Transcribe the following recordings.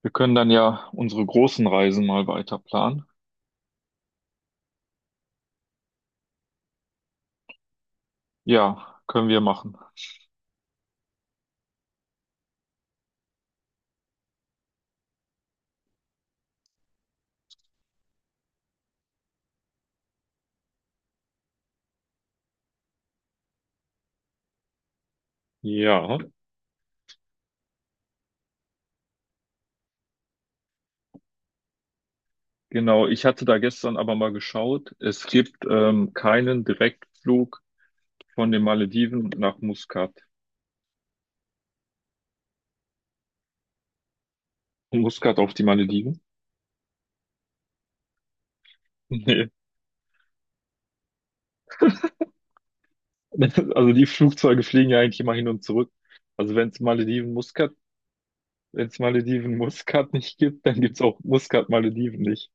Wir können dann ja unsere großen Reisen mal weiter planen. Ja, können wir machen. Ja, genau. Ich hatte da gestern aber mal geschaut. Es gibt keinen Direktflug von den Malediven nach Muscat. Von Muscat auf die Malediven? Nee. Also die Flugzeuge fliegen ja eigentlich immer hin und zurück. Also wenn es Malediven Muscat, wenn es Malediven Muscat nicht gibt, dann gibt es auch Muscat Malediven nicht.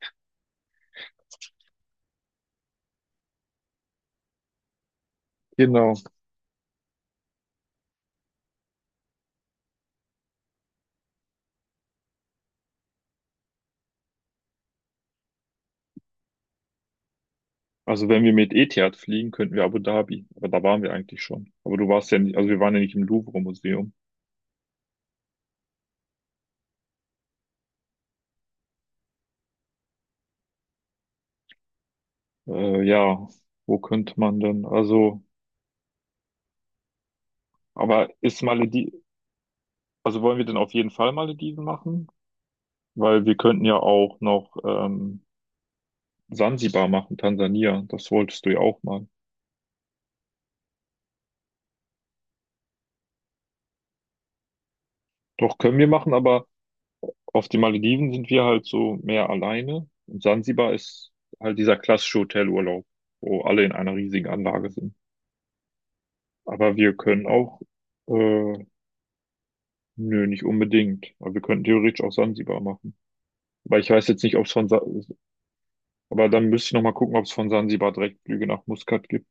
Genau. Also wenn wir mit Etihad fliegen, könnten wir Abu Dhabi. Aber da waren wir eigentlich schon. Aber du warst ja nicht, also wir waren ja nicht im Louvre-Museum. Ja, wo könnte man denn? Aber ist Malediven, also wollen wir denn auf jeden Fall Malediven machen? Weil wir könnten ja auch noch Sansibar machen, Tansania. Das wolltest du ja auch mal. Doch, können wir machen, aber auf den Malediven sind wir halt so mehr alleine. Und Sansibar ist halt dieser klassische Hotelurlaub, wo alle in einer riesigen Anlage sind. Aber wir können auch, äh, nö, nicht unbedingt. Aber wir könnten theoretisch auch Sansibar machen. Weil ich weiß jetzt nicht, ob es von, Sa Aber dann müsste ich nochmal gucken, ob es von Sansibar direkt Flüge nach Muscat gibt.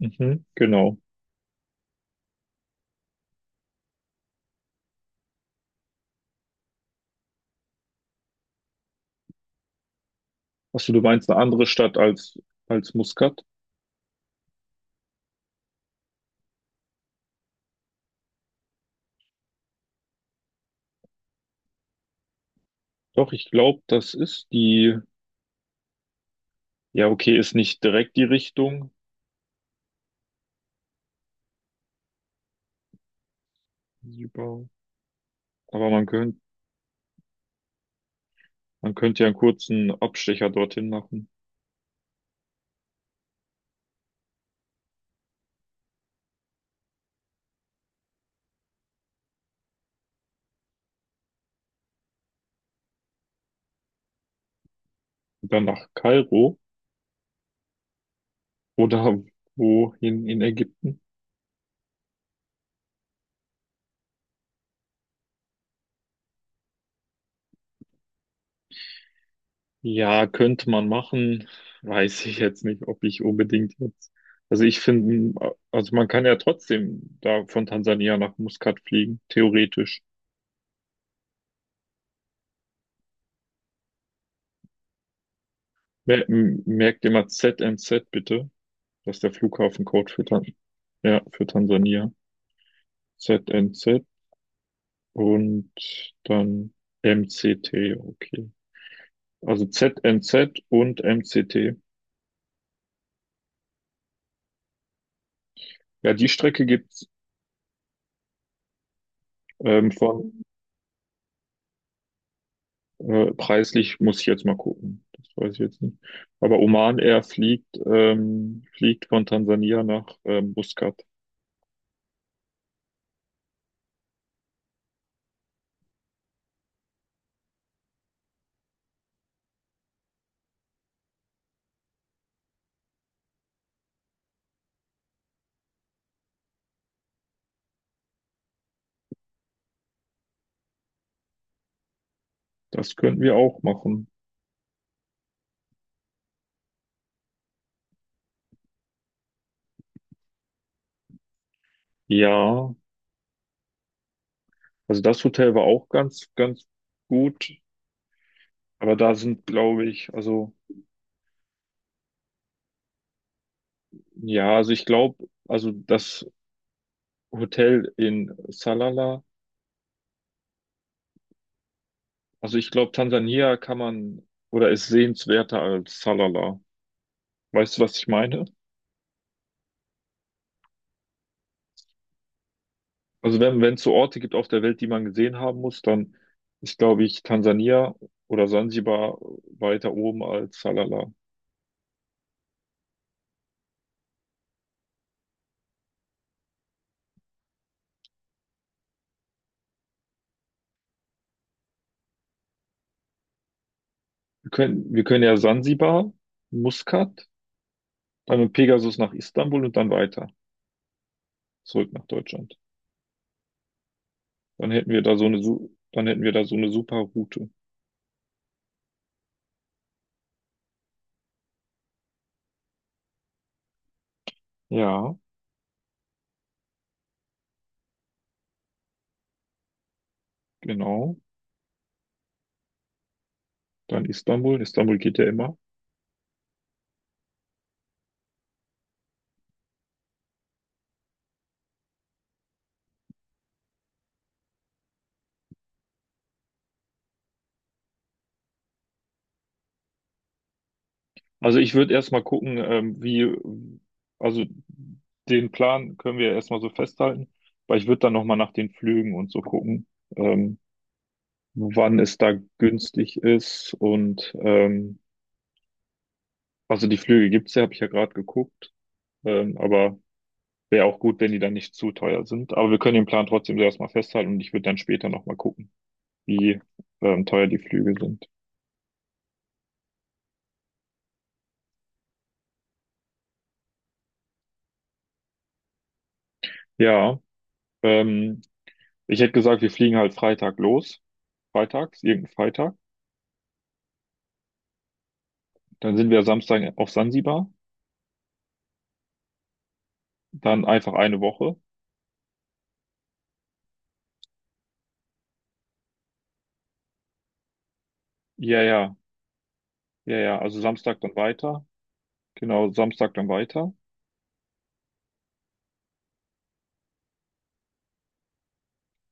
Mhm, genau. Achso, du meinst eine andere Stadt als Muscat? Doch, ich glaube, das ist die, ja, okay, ist nicht direkt die Richtung. Sansibar. Aber man könnte, man könnte ja einen kurzen Abstecher dorthin machen. Und dann nach Kairo oder wohin in Ägypten. Ja, könnte man machen. Weiß ich jetzt nicht, ob ich unbedingt jetzt. Also ich finde, also man kann ja trotzdem da von Tansania nach Muscat fliegen, theoretisch. Merkt immer ZNZ bitte. Das ist der Flughafencode für Tan Ja, für Tansania. ZNZ und dann MCT, okay. Also ZNZ und MCT. Ja, die Strecke gibt's von preislich muss ich jetzt mal gucken. Das weiß ich jetzt nicht. Aber Oman Air fliegt, fliegt von Tansania nach Muscat. Das könnten wir auch machen. Ja, also das Hotel war auch ganz, ganz gut. Aber da sind, glaube ich, also, ja, also ich glaube, also das Hotel in Salalah, also ich glaube, Tansania kann man oder ist sehenswerter als Salalah. Weißt du, was ich meine? Also wenn es so Orte gibt auf der Welt, die man gesehen haben muss, dann ist, glaube ich, Tansania oder Sansibar weiter oben als Salalah. Wir können ja Sansibar, Muscat, dann mit Pegasus nach Istanbul und dann weiter zurück nach Deutschland. Dann hätten wir da so eine super Route. Ja, genau. Dann Istanbul. Istanbul geht ja immer. Also ich würde erstmal gucken, wie, also den Plan können wir erstmal so festhalten, weil ich würde dann nochmal nach den Flügen und so gucken, ähm, wann es da günstig ist also die Flüge gibt's ja, habe ich ja gerade geguckt, aber wäre auch gut, wenn die dann nicht zu teuer sind. Aber wir können den Plan trotzdem so erstmal festhalten und ich würde dann später nochmal gucken, wie teuer die Flüge sind. Ja, ähm, Ich hätte gesagt, wir fliegen halt Freitag los, freitags, irgendein Freitag. Dann sind wir Samstag auf Sansibar, dann einfach eine Woche. Ja, ja, ja, ja, also Samstag dann weiter. Genau, Samstag dann weiter.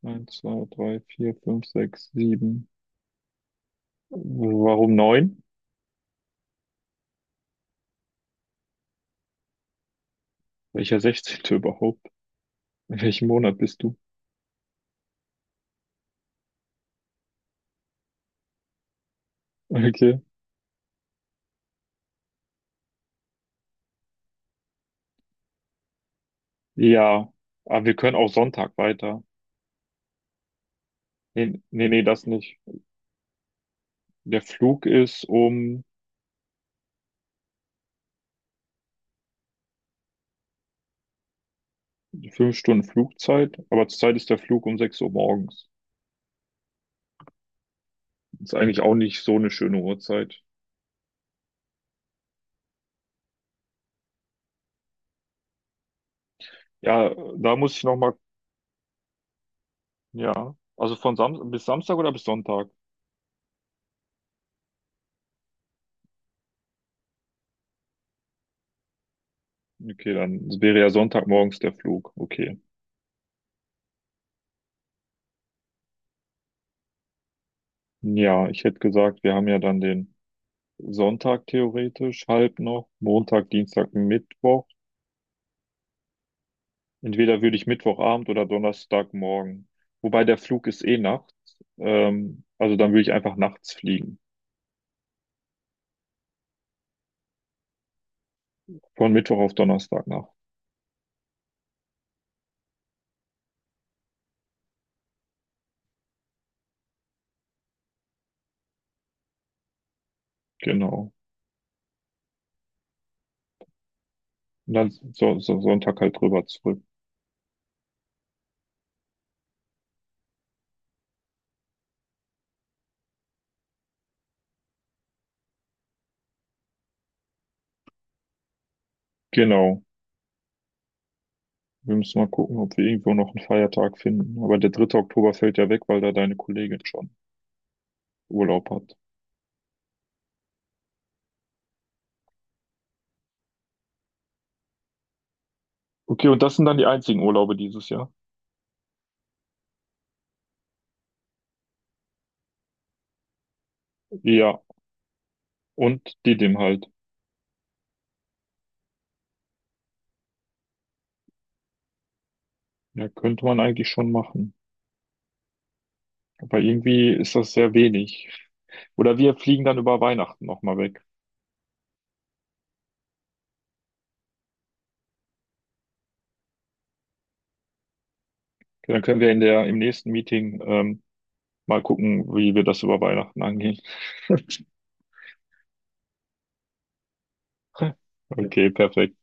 Eins, zwei, drei, vier, fünf, sechs, sieben. Warum neun? Welcher 16. überhaupt? In welchem Monat bist du? Okay. Ja, aber wir können auch Sonntag weiter. Nee, nee, nee, das nicht. Der Flug ist um Fünf Stunden Flugzeit, aber zurzeit ist der Flug um 6 Uhr morgens. Ist eigentlich auch nicht so eine schöne Uhrzeit. Ja, da muss ich noch mal Ja. Also von Sam bis Samstag oder bis Sonntag? Okay, dann wäre ja Sonntagmorgens der Flug. Okay. Ja, ich hätte gesagt, wir haben ja dann den Sonntag theoretisch halb noch, Montag, Dienstag, Mittwoch. Entweder würde ich Mittwochabend oder Donnerstagmorgen. Wobei der Flug ist eh nachts. Also dann würde ich einfach nachts fliegen. Von Mittwoch auf Donnerstagnacht. Genau. Und dann so, so Sonntag halt drüber zurück. Genau. Wir müssen mal gucken, ob wir irgendwo noch einen Feiertag finden. Aber der dritte Oktober fällt ja weg, weil da deine Kollegin schon Urlaub hat. Okay, und das sind dann die einzigen Urlaube dieses Jahr? Ja, und die dem halt. Ja, könnte man eigentlich schon machen. Aber irgendwie ist das sehr wenig. Oder wir fliegen dann über Weihnachten nochmal weg. Dann können wir in der, im nächsten Meeting mal gucken, wie wir das über Weihnachten angehen. Okay, perfekt.